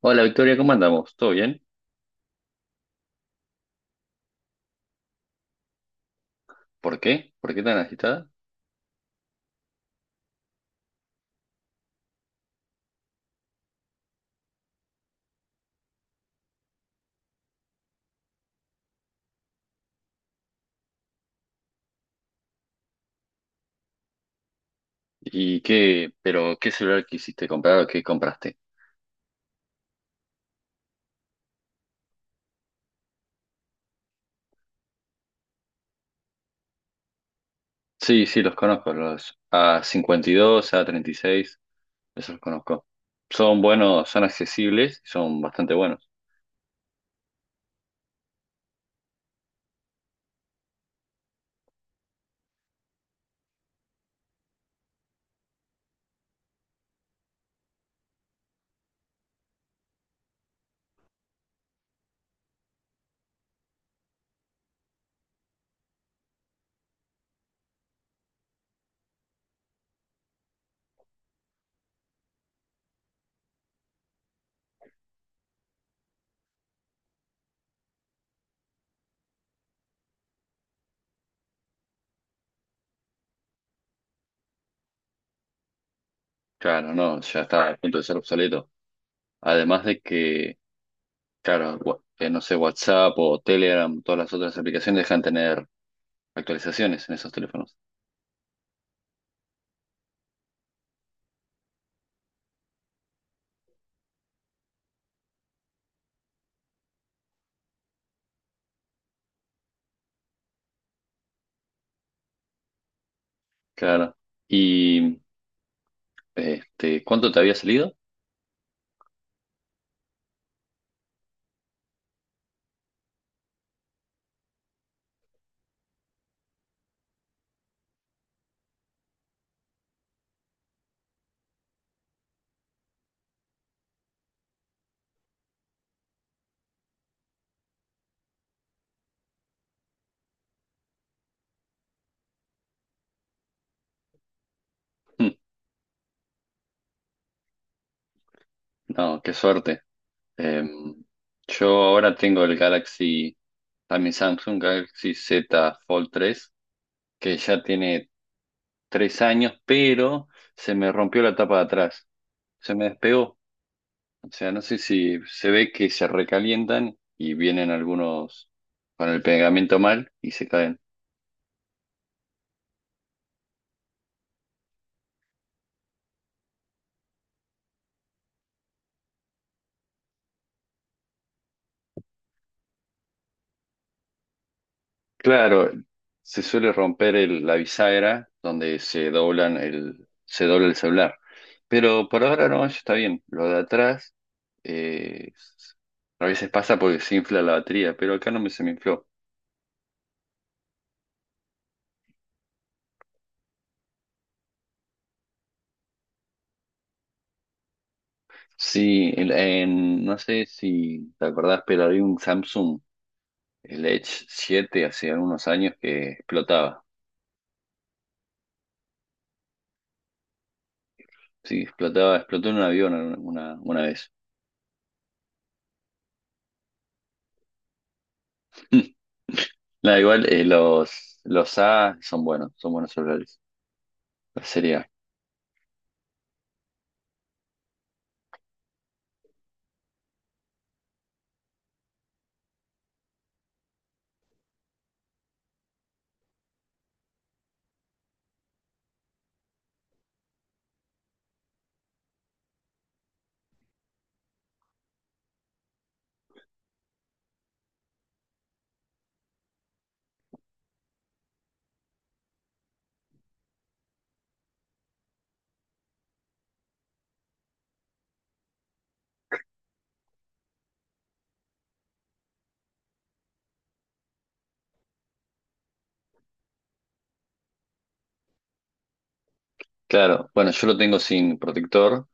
Hola Victoria, ¿cómo andamos? ¿Todo bien? ¿Por qué? ¿Por qué tan agitada? ¿Y qué, pero qué celular quisiste comprar o qué compraste? Sí, sí, los conozco, los a cincuenta y dos, a treinta y seis, esos los conozco. Son buenos, son accesibles, son bastante buenos. Claro, no, ya está a punto de ser obsoleto. Además de que, claro, no sé, WhatsApp o Telegram, todas las otras aplicaciones dejan tener actualizaciones en esos teléfonos. Claro. ¿Y este, cuánto te había salido? No, qué suerte. Eh, yo ahora tengo el Galaxy, también Samsung Galaxy Z Fold tres, que ya tiene 3 años, pero se me rompió la tapa de atrás. Se me despegó. O sea, no sé si se ve que se recalientan y vienen algunos con el pegamento mal y se caen. Claro, se suele romper la bisagra donde se doblan el, se dobla el celular. Pero por ahora no, eso está bien. Lo de atrás, eh, a veces pasa porque se infla la batería, pero acá no me se me infló. Sí, no sé si te acordás, pero había un Samsung, el Edge siete, hace algunos años, que explotaba. Sí, explotaba, explotó en un avión una vez. Nada, igual los A son buenos celulares. La serie A. Claro, bueno, yo lo tengo sin protector,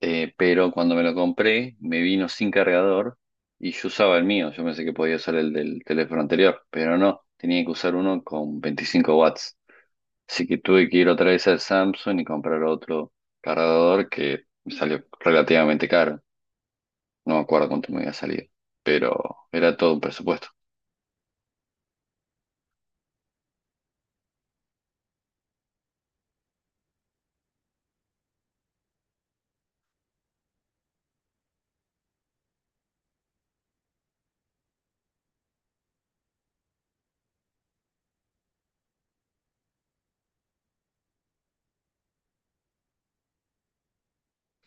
pero cuando me lo compré me vino sin cargador y yo usaba el mío. Yo pensé que podía usar el del teléfono anterior, pero no, tenía que usar uno con 25 watts. Así que tuve que ir otra vez al Samsung y comprar otro cargador que me salió relativamente caro. No me acuerdo cuánto me había salido, pero era todo un presupuesto.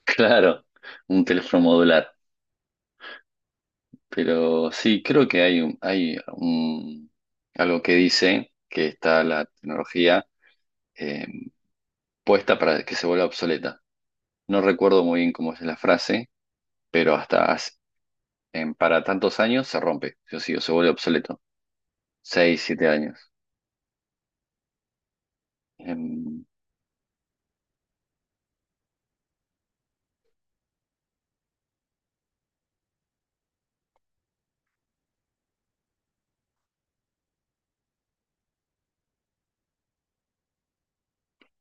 Claro, un teléfono modular. Pero sí, creo que algo que dice que está la tecnología eh, puesta para que se vuelva obsoleta. No recuerdo muy bien cómo es la frase, pero para tantos años se rompe, sí o sí, o se vuelve obsoleto. Seis, siete años. Em,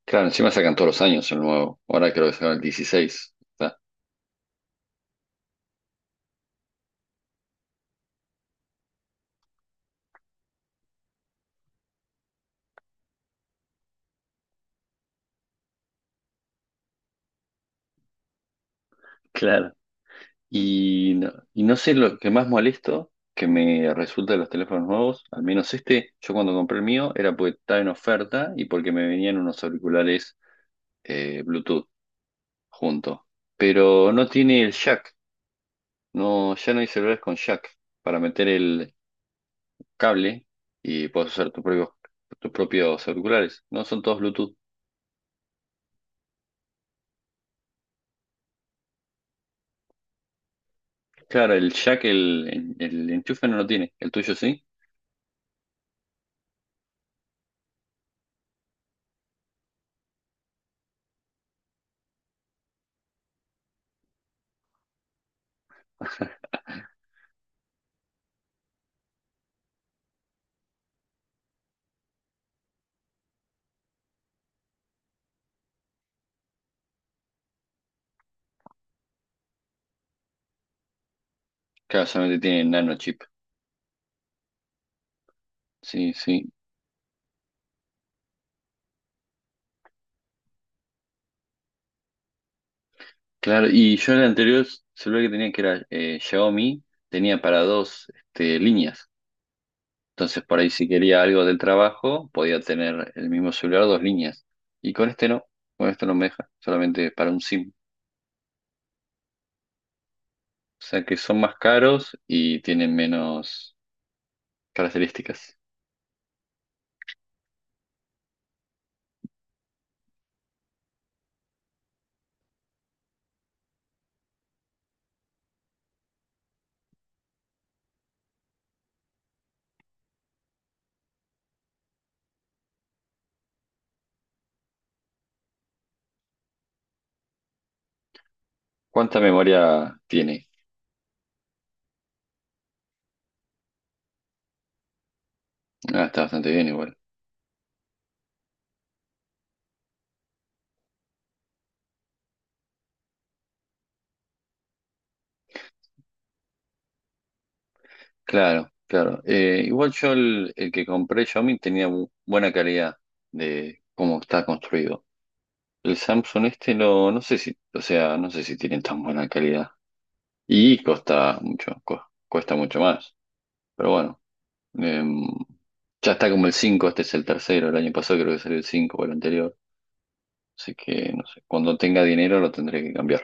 claro, encima sacan todos los años el nuevo. Ahora creo que sacan el dieciséis. Claro. Y no sé lo que más molesto que me resulta de los teléfonos nuevos, al menos este, yo cuando compré el mío era porque estaba en oferta y porque me venían unos auriculares Bluetooth, junto. Pero no tiene el jack, no, ya no hay celulares con jack para meter el cable y puedes usar tus propios auriculares, no son todos Bluetooth. Claro, el jack, el enchufe no lo tiene, el tuyo sí. Claro, solamente tiene nano chip. Sí, sí. Claro, y yo el anterior celular que tenía, que era Xiaomi, tenía para dos este, líneas. Entonces, por ahí si quería algo del trabajo, podía tener el mismo celular, dos líneas. Y con este no me deja, solamente para un SIM. O sea que son más caros y tienen menos características. ¿Cuánta memoria tiene? Ah, está bastante bien igual. Claro, claro. Igual yo el que compré Xiaomi tenía buena calidad de cómo está construido. El Samsung este no, no sé si, o sea, no sé si tienen tan buena calidad. Y cuesta mucho, cuesta mucho más. Pero bueno, em, ya está como el cinco, este es el tercero, el año pasado creo que salió el 5 o el anterior. Así que, no sé, cuando tenga dinero lo tendré que cambiar.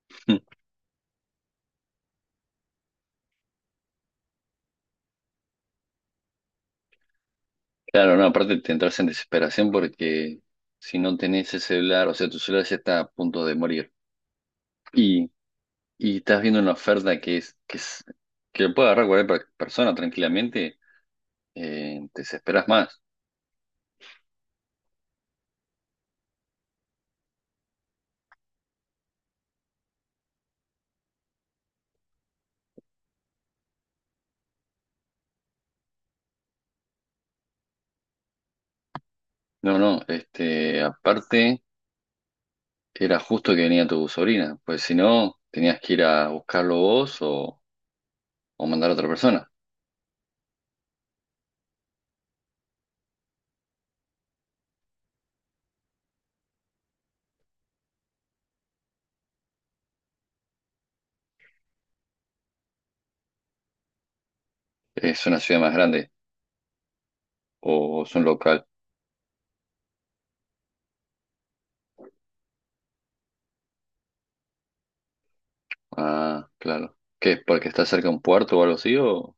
Claro, no, aparte te entras en desesperación porque si no tenés ese celular, o sea, tu celular ya está a punto de morir. Y, y estás viendo una oferta que lo puede agarrar cualquier persona tranquilamente, te desesperas más. No, no, este, aparte era justo que venía tu sobrina, pues si no, tenías que ir a buscarlo vos o mandar a otra persona. Es una ciudad más grande o es un local. Ah, claro. ¿Qué? ¿Porque está cerca de un puerto o algo así? O...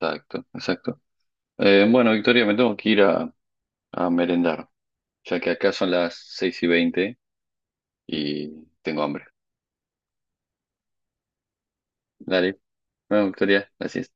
Exacto, exacto. Bueno, Victoria, me tengo que ir a merendar, ya que acá son las 6:20 y tengo hambre. Dale, bueno, Victoria, gracias.